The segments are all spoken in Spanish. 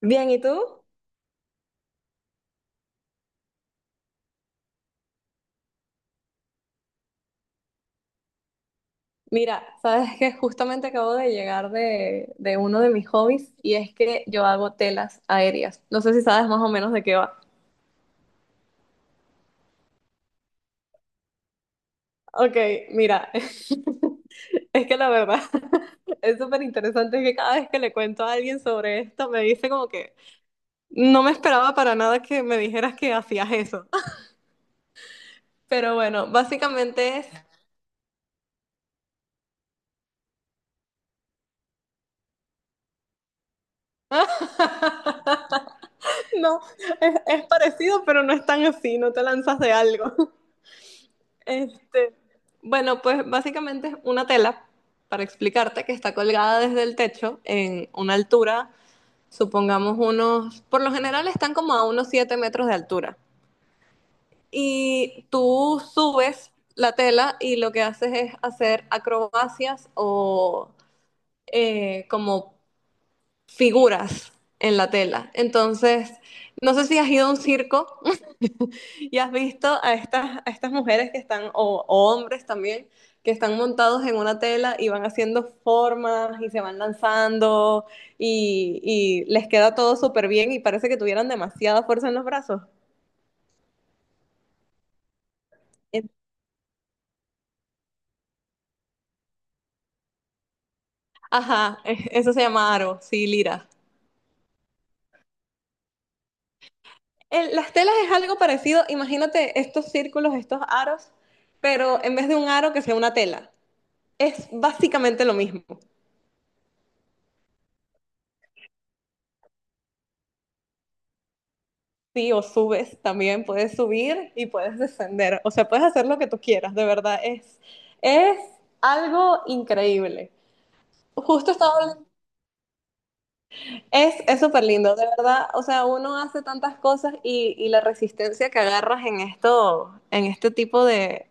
Bien, ¿y tú? Mira, sabes que justamente acabo de llegar de uno de mis hobbies y es que yo hago telas aéreas. No sé si sabes más o menos de qué va. Ok, mira, es que la verdad es súper interesante que cada vez que le cuento a alguien sobre esto me dice como que no me esperaba para nada que me dijeras que hacías eso. Pero bueno, básicamente es... No, es parecido, pero no es tan así, no te lanzas de algo. Este, bueno, pues básicamente es una tela, para explicarte, que está colgada desde el techo en una altura, supongamos unos, por lo general están como a unos 7 metros de altura. Y tú subes la tela y lo que haces es hacer acrobacias o como figuras en la tela. Entonces, no sé si has ido a un circo y has visto a estas mujeres que están, o hombres también, que están montados en una tela y van haciendo formas y se van lanzando y les queda todo súper bien y parece que tuvieran demasiada fuerza en los brazos. En- Ajá, eso se llama aro, sí, lira. El- las telas es algo parecido, imagínate estos círculos, estos aros, pero en vez de un aro que sea una tela. Es básicamente lo mismo. Sí, o subes también, puedes subir y puedes descender. O sea, puedes hacer lo que tú quieras, de verdad. Es algo increíble. Justo estaba hablando- es súper lindo, de verdad. O sea, uno hace tantas cosas y la resistencia que agarras en esto, en este tipo de,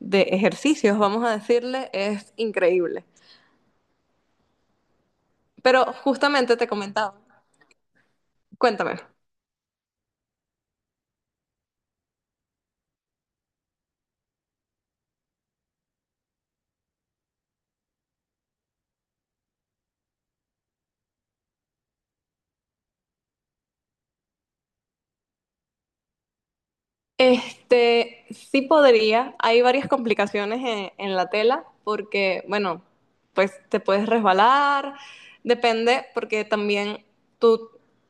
de ejercicios, vamos a decirle, es increíble. Pero justamente te comentaba, cuéntame. Sí podría. Hay varias complicaciones en la tela porque, bueno, pues te puedes resbalar. Depende porque también tú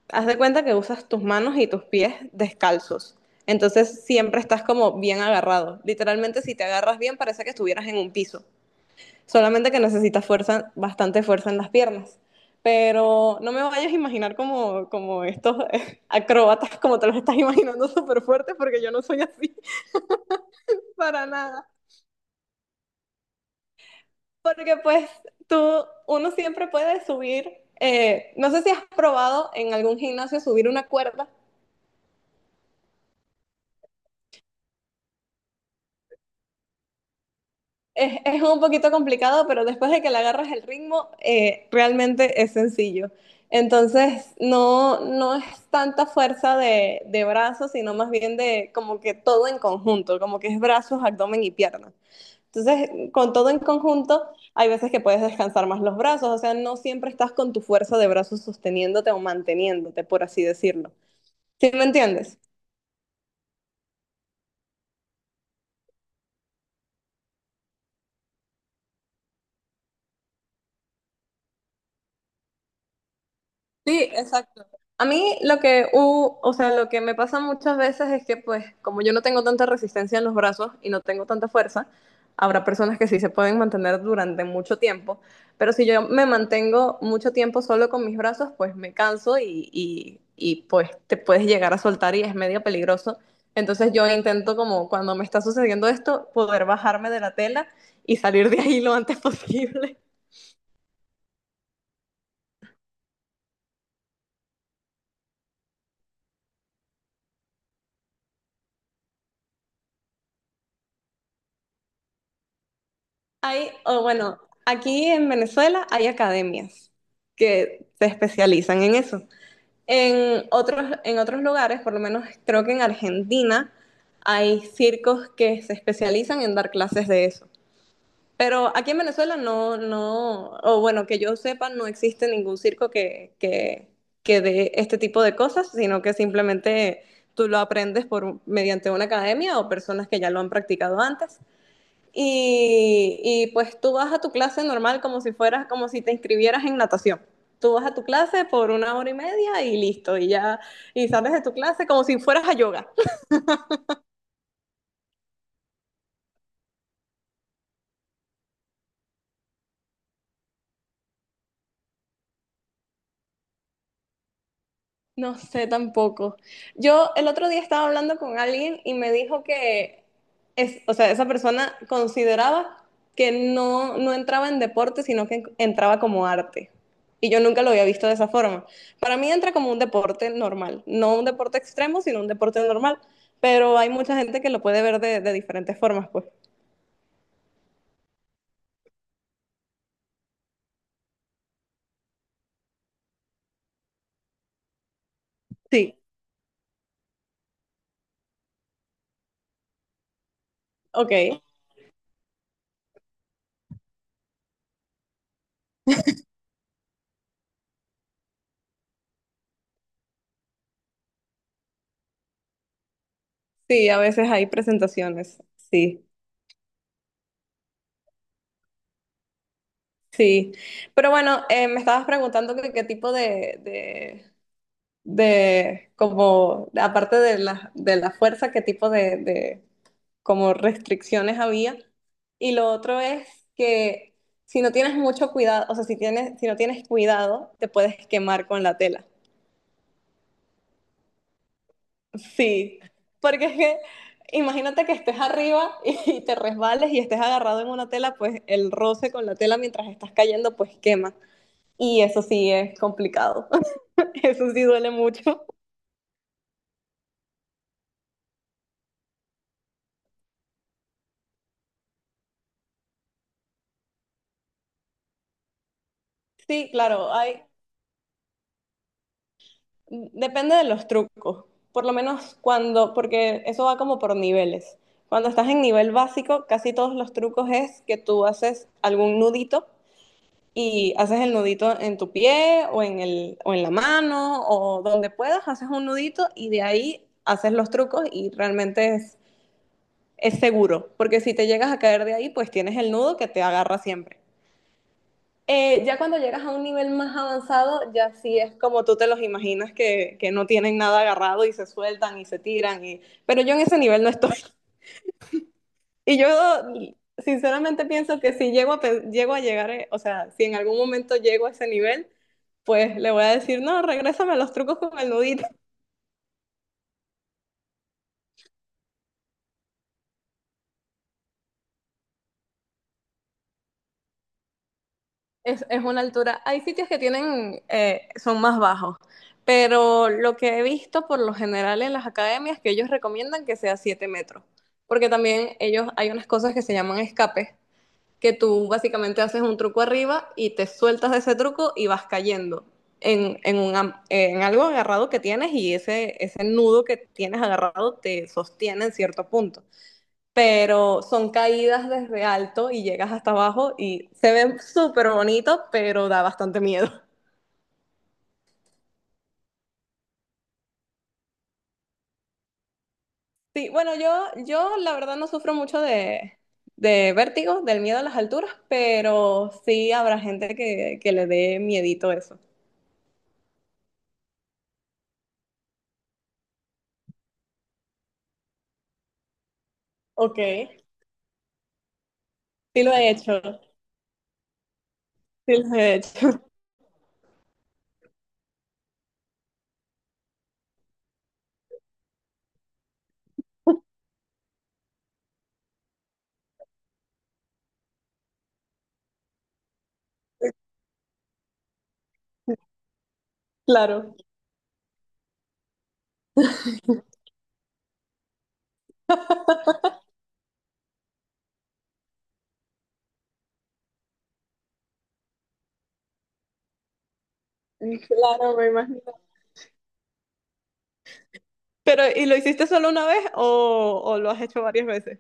haz de cuenta que usas tus manos y tus pies descalzos. Entonces siempre estás como bien agarrado. Literalmente si te agarras bien parece que estuvieras en un piso. Solamente que necesitas fuerza, bastante fuerza en las piernas. Pero no me vayas a imaginar como, como estos acróbatas, como te los estás imaginando súper fuertes, porque yo no soy así para nada. Porque pues tú, uno siempre puede subir, no sé si has probado en algún gimnasio subir una cuerda. Es un poquito complicado, pero después de que le agarras el ritmo, realmente es sencillo. Entonces, no, no es tanta fuerza de brazos, sino más bien de como que todo en conjunto, como que es brazos, abdomen y piernas. Entonces, con todo en conjunto, hay veces que puedes descansar más los brazos, o sea, no siempre estás con tu fuerza de brazos sosteniéndote o manteniéndote, por así decirlo. ¿Sí me entiendes? Sí, exacto. A mí lo que, o sea, lo que me pasa muchas veces es que, pues, como yo no tengo tanta resistencia en los brazos y no tengo tanta fuerza, habrá personas que sí se pueden mantener durante mucho tiempo, pero si yo me mantengo mucho tiempo solo con mis brazos, pues me canso y pues te puedes llegar a soltar y es medio peligroso. Entonces yo intento como cuando me está sucediendo esto, poder bajarme de la tela y salir de ahí lo antes posible. Hay, o bueno, aquí en Venezuela hay academias que se especializan en eso. En otros lugares, por lo menos creo que en Argentina, hay circos que se especializan en dar clases de eso. Pero aquí en Venezuela no, no, o bueno, que yo sepa, no existe ningún circo que dé este tipo de cosas, sino que simplemente tú lo aprendes por, mediante una academia o personas que ya lo han practicado antes y pues tú vas a tu clase normal como si fueras, como si te inscribieras en natación. Tú vas a tu clase por 1 hora y media y listo, y ya, y sales de tu clase como si fueras a yoga. No sé tampoco. Yo el otro día estaba hablando con alguien y me dijo que es, o sea, esa persona consideraba que no, no entraba en deporte, sino que entraba como arte. Y yo nunca lo había visto de esa forma. Para mí entra como un deporte normal, no un deporte extremo, sino un deporte normal. Pero hay mucha gente que lo puede ver de diferentes formas, pues. Sí, ok. Sí, a veces hay presentaciones. Sí, sí. Pero bueno, me estabas preguntando que qué tipo de como, aparte de la fuerza, qué tipo de como restricciones había. Y lo otro es que si no tienes mucho cuidado, o sea, si tienes, si no tienes cuidado, te puedes quemar con la tela. Sí, porque es que imagínate que estés arriba y te resbales y estés agarrado en una tela, pues el roce con la tela mientras estás cayendo, pues quema. Y eso sí es complicado. Eso sí duele mucho. Sí, claro, hay, depende de los trucos. Por lo menos cuando, porque eso va como por niveles. Cuando estás en nivel básico, casi todos los trucos es que tú haces algún nudito y haces el nudito en tu pie o en la mano o donde puedas, haces un nudito y de ahí haces los trucos y realmente es seguro, porque si te llegas a caer de ahí, pues tienes el nudo que te agarra siempre. Ya cuando llegas a un nivel más avanzado, ya sí es como tú te los imaginas que no tienen nada agarrado y se sueltan y se tiran. Y... Pero yo en ese nivel no estoy. Y yo sinceramente pienso que si llego a, llego a llegar, o sea, si en algún momento llego a ese nivel, pues le voy a decir, no, regrésame a los trucos con el nudito. Es una altura. Hay sitios que tienen, son más bajos, pero lo que he visto por lo general en las academias que ellos recomiendan que sea 7 metros, porque también ellos hay unas cosas que se llaman escapes, que tú básicamente haces un truco arriba y te sueltas de ese truco y vas cayendo un en algo agarrado que tienes y ese nudo que tienes agarrado te sostiene en cierto punto, pero son caídas desde alto y llegas hasta abajo y se ven súper bonitos, pero da bastante miedo. Sí, bueno, yo la verdad no sufro mucho de vértigo, del miedo a las alturas, pero sí habrá gente que le dé miedito eso. Ok, sí lo he hecho, sí lo he hecho, claro, claro, me imagino. Pero, ¿y lo hiciste solo una vez o lo has hecho varias veces?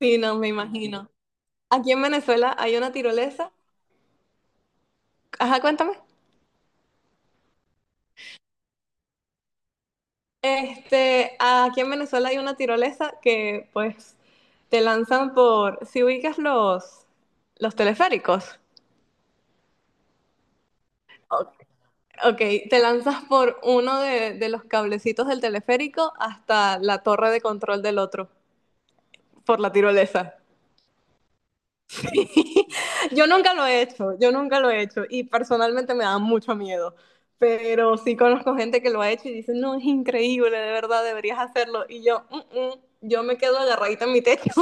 Sí, no, me imagino. Aquí en Venezuela hay una tirolesa. Ajá, cuéntame. Aquí en Venezuela hay una tirolesa que pues te lanzan por, si ubicas los teleféricos, o- ok, te lanzas por uno de los cablecitos del teleférico hasta la torre de control del otro, por la tirolesa. Yo nunca lo he hecho, yo nunca lo he hecho y personalmente me da mucho miedo, pero sí conozco gente que lo ha hecho y dice, no, es increíble, de verdad, deberías hacerlo. Y yo, "Mm, mm, yo me quedo agarradita en mi techo."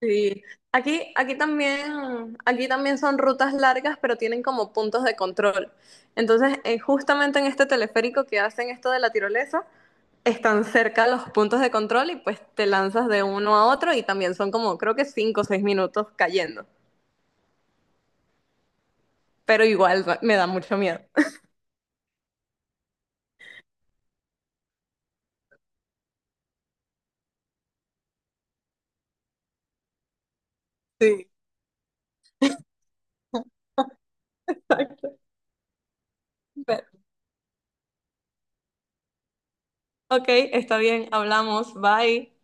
Sí, aquí también son rutas largas, pero tienen como puntos de control. Entonces, justamente en este teleférico que hacen esto de la tirolesa, están cerca los puntos de control y pues te lanzas de uno a otro y también son como creo que 5 o 6 minutos cayendo. Pero igual me da mucho miedo. Sí. Ok, está bien, hablamos, bye.